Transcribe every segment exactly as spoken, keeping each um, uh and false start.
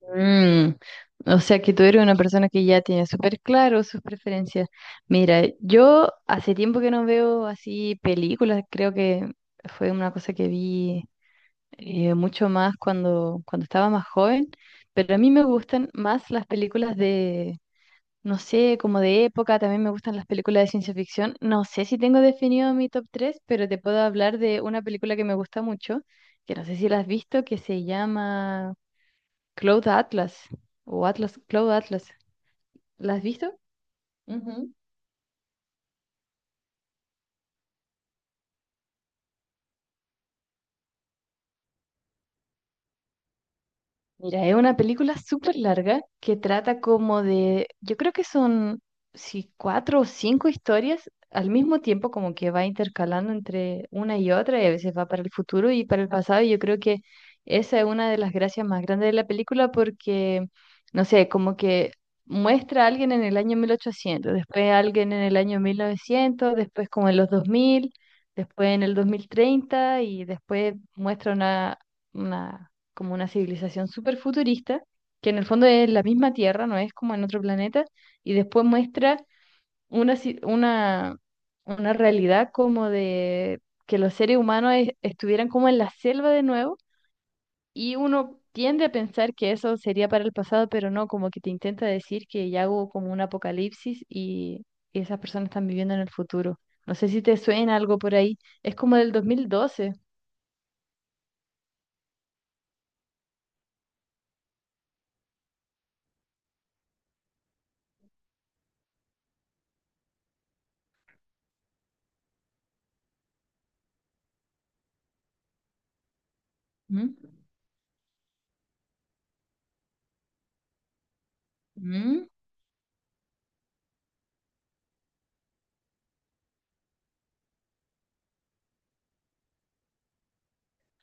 Mm, o sea que tú eres una persona que ya tiene súper claro sus preferencias. Mira, yo hace tiempo que no veo así películas, creo que fue una cosa que vi eh, mucho más cuando, cuando estaba más joven, pero a mí me gustan más las películas de, no sé, como de época, también me gustan las películas de ciencia ficción. No sé si tengo definido mi top tres, pero te puedo hablar de una película que me gusta mucho, que no sé si la has visto, que se llama... Cloud Atlas o Atlas, Cloud Atlas. ¿La has visto? Ujú. Mira, es una película súper larga que trata como de, yo creo que son si cuatro o cinco historias al mismo tiempo, como que va intercalando entre una y otra y a veces va para el futuro y para el pasado. Y yo creo que esa es una de las gracias más grandes de la película porque, no sé, como que muestra a alguien en el año mil ochocientos, después a alguien en el año mil novecientos, después como en los dos mil, después en el dos mil treinta y después muestra una... una como una civilización súper futurista, que en el fondo es la misma Tierra, no es como en otro planeta, y después muestra una, ci- una, una realidad como de que los seres humanos es- estuvieran como en la selva de nuevo, y uno tiende a pensar que eso sería para el pasado, pero no, como que te intenta decir que ya hubo como un apocalipsis y, y esas personas están viviendo en el futuro. No sé si te suena algo por ahí. Es como del dos mil doce. ¿Mm? ¿Mm?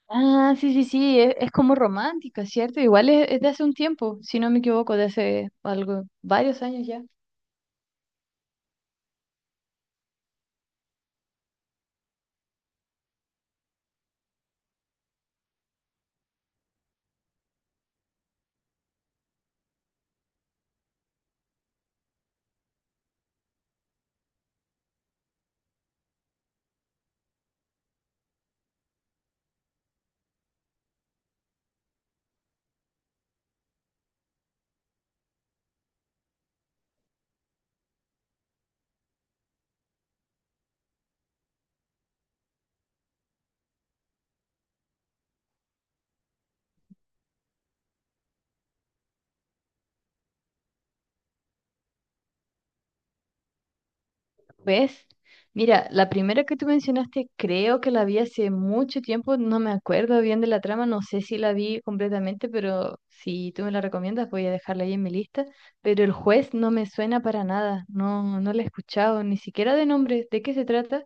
Ah, sí, sí, sí, es, es como romántica, ¿cierto? Igual es, es de hace un tiempo, si no me equivoco, de hace algo, varios años ya. ¿Ves? Mira, la primera que tú mencionaste, creo que la vi hace mucho tiempo, no me acuerdo bien de la trama, no sé si la vi completamente, pero si tú me la recomiendas, voy a dejarla ahí en mi lista. Pero el juez no me suena para nada, no, no la he escuchado, ni siquiera de nombre. ¿De qué se trata?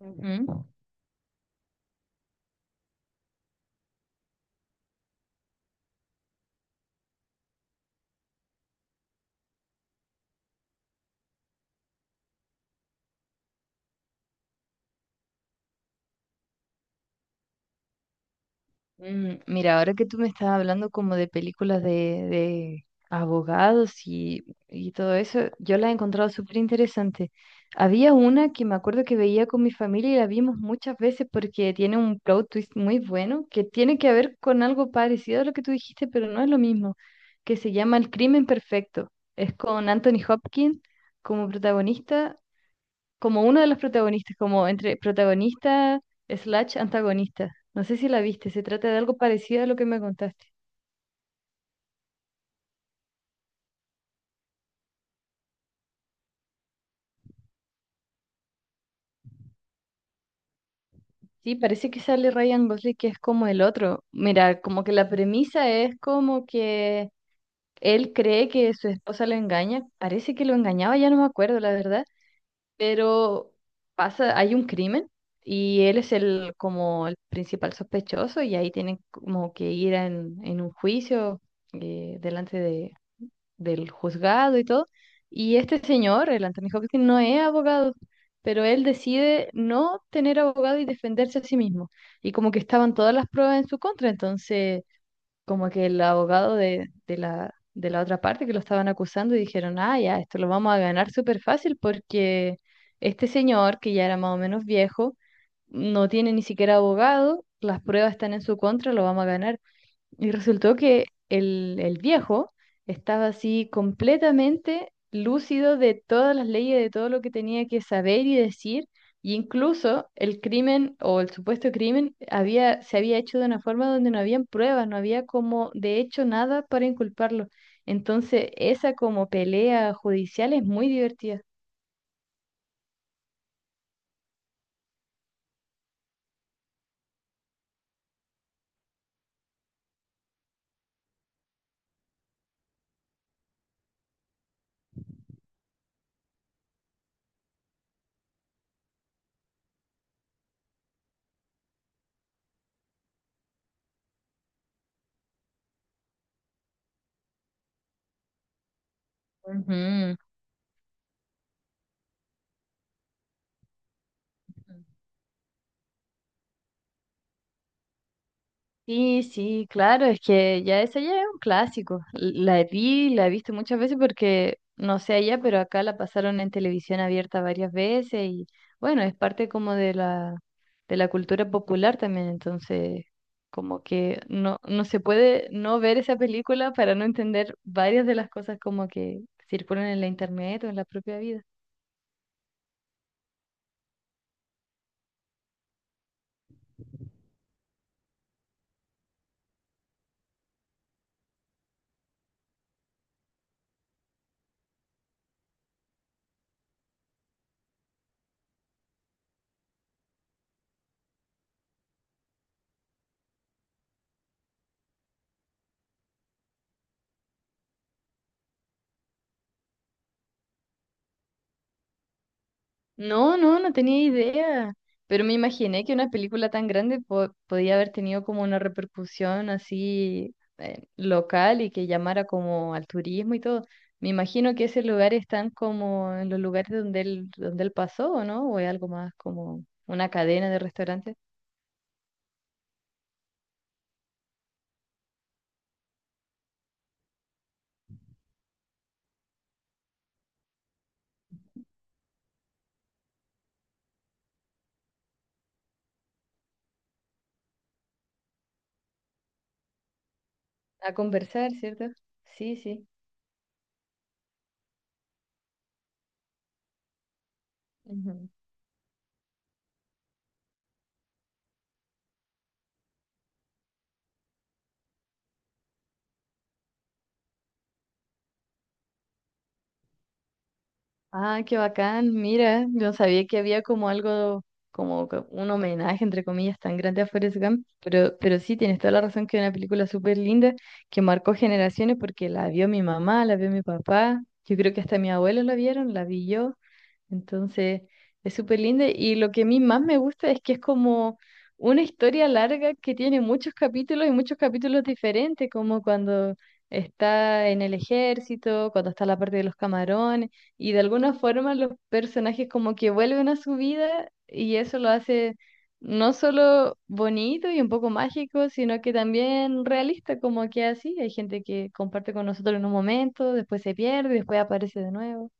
Ujú. Mm, Mira, ahora que tú me estás hablando como de películas de, de abogados y, y todo eso, yo las he encontrado súper interesantes. Había una que me acuerdo que veía con mi familia y la vimos muchas veces porque tiene un plot twist muy bueno que tiene que ver con algo parecido a lo que tú dijiste, pero no es lo mismo, que se llama El Crimen Perfecto. Es con Anthony Hopkins como protagonista, como uno de los protagonistas, como entre protagonista slash antagonista. No sé si la viste, se trata de algo parecido a lo que me contaste. Sí, parece que sale Ryan Gosling, que es como el otro. Mira, como que la premisa es como que él cree que su esposa lo engaña. Parece que lo engañaba, ya no me acuerdo, la verdad. Pero pasa, hay un crimen y él es el como el principal sospechoso y ahí tienen como que ir en, en un juicio eh, delante del juzgado y todo. Y este señor, el Anthony Hopkins, no es abogado, pero él decide no tener abogado y defenderse a sí mismo. Y como que estaban todas las pruebas en su contra, entonces como que el abogado de, de la, de la otra parte que lo estaban acusando y dijeron, ah, ya, esto lo vamos a ganar súper fácil porque este señor, que ya era más o menos viejo, no tiene ni siquiera abogado, las pruebas están en su contra, lo vamos a ganar. Y resultó que el, el viejo estaba así completamente lúcido de todas las leyes, de todo lo que tenía que saber y decir, y incluso el crimen o el supuesto crimen había, se había hecho de una forma donde no habían pruebas, no había como de hecho nada para inculparlo. Entonces, esa como pelea judicial es muy divertida. Ujú. Sí, sí, claro, es que ya esa ya es un clásico. L- La vi, la he visto muchas veces porque, no sé allá, pero acá la pasaron en televisión abierta varias veces y bueno, es parte como de la, de la cultura popular también, entonces como que no, no se puede no ver esa película para no entender varias de las cosas como que circulan en la internet o en la propia vida. No, no, no tenía idea, pero me imaginé que una película tan grande po- podía haber tenido como una repercusión así, eh, local y que llamara como al turismo y todo. Me imagino que esos lugares están como en los lugares donde él, donde él pasó, ¿o no? O es algo más como una cadena de restaurantes. A conversar, ¿cierto? Sí, sí. Ah, qué bacán, mira, yo no sabía que había como algo, como que un homenaje, entre comillas, tan grande a Forrest Gump, pero, pero sí, tienes toda la razón que es una película súper linda que marcó generaciones porque la vio mi mamá, la vio mi papá, yo creo que hasta mi abuelo la vieron, la vi yo, entonces, es súper linda y lo que a mí más me gusta es que es como una historia larga que tiene muchos capítulos y muchos capítulos diferentes, como cuando está en el ejército, cuando está la parte de los camarones y de alguna forma los personajes como que vuelven a su vida y eso lo hace no solo bonito y un poco mágico, sino que también realista, como que así, hay gente que comparte con nosotros en un momento, después se pierde, después aparece de nuevo.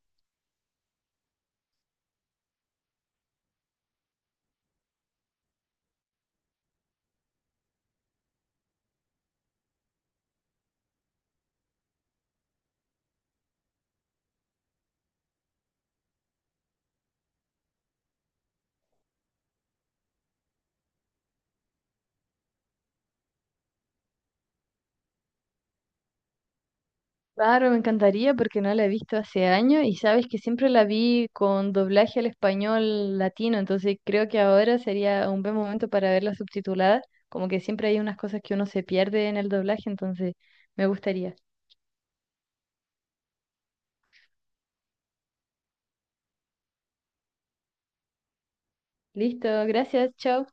Claro, me encantaría porque no la he visto hace años y sabes que siempre la vi con doblaje al español latino, entonces creo que ahora sería un buen momento para verla subtitulada, como que siempre hay unas cosas que uno se pierde en el doblaje, entonces me gustaría. Listo, gracias, chao.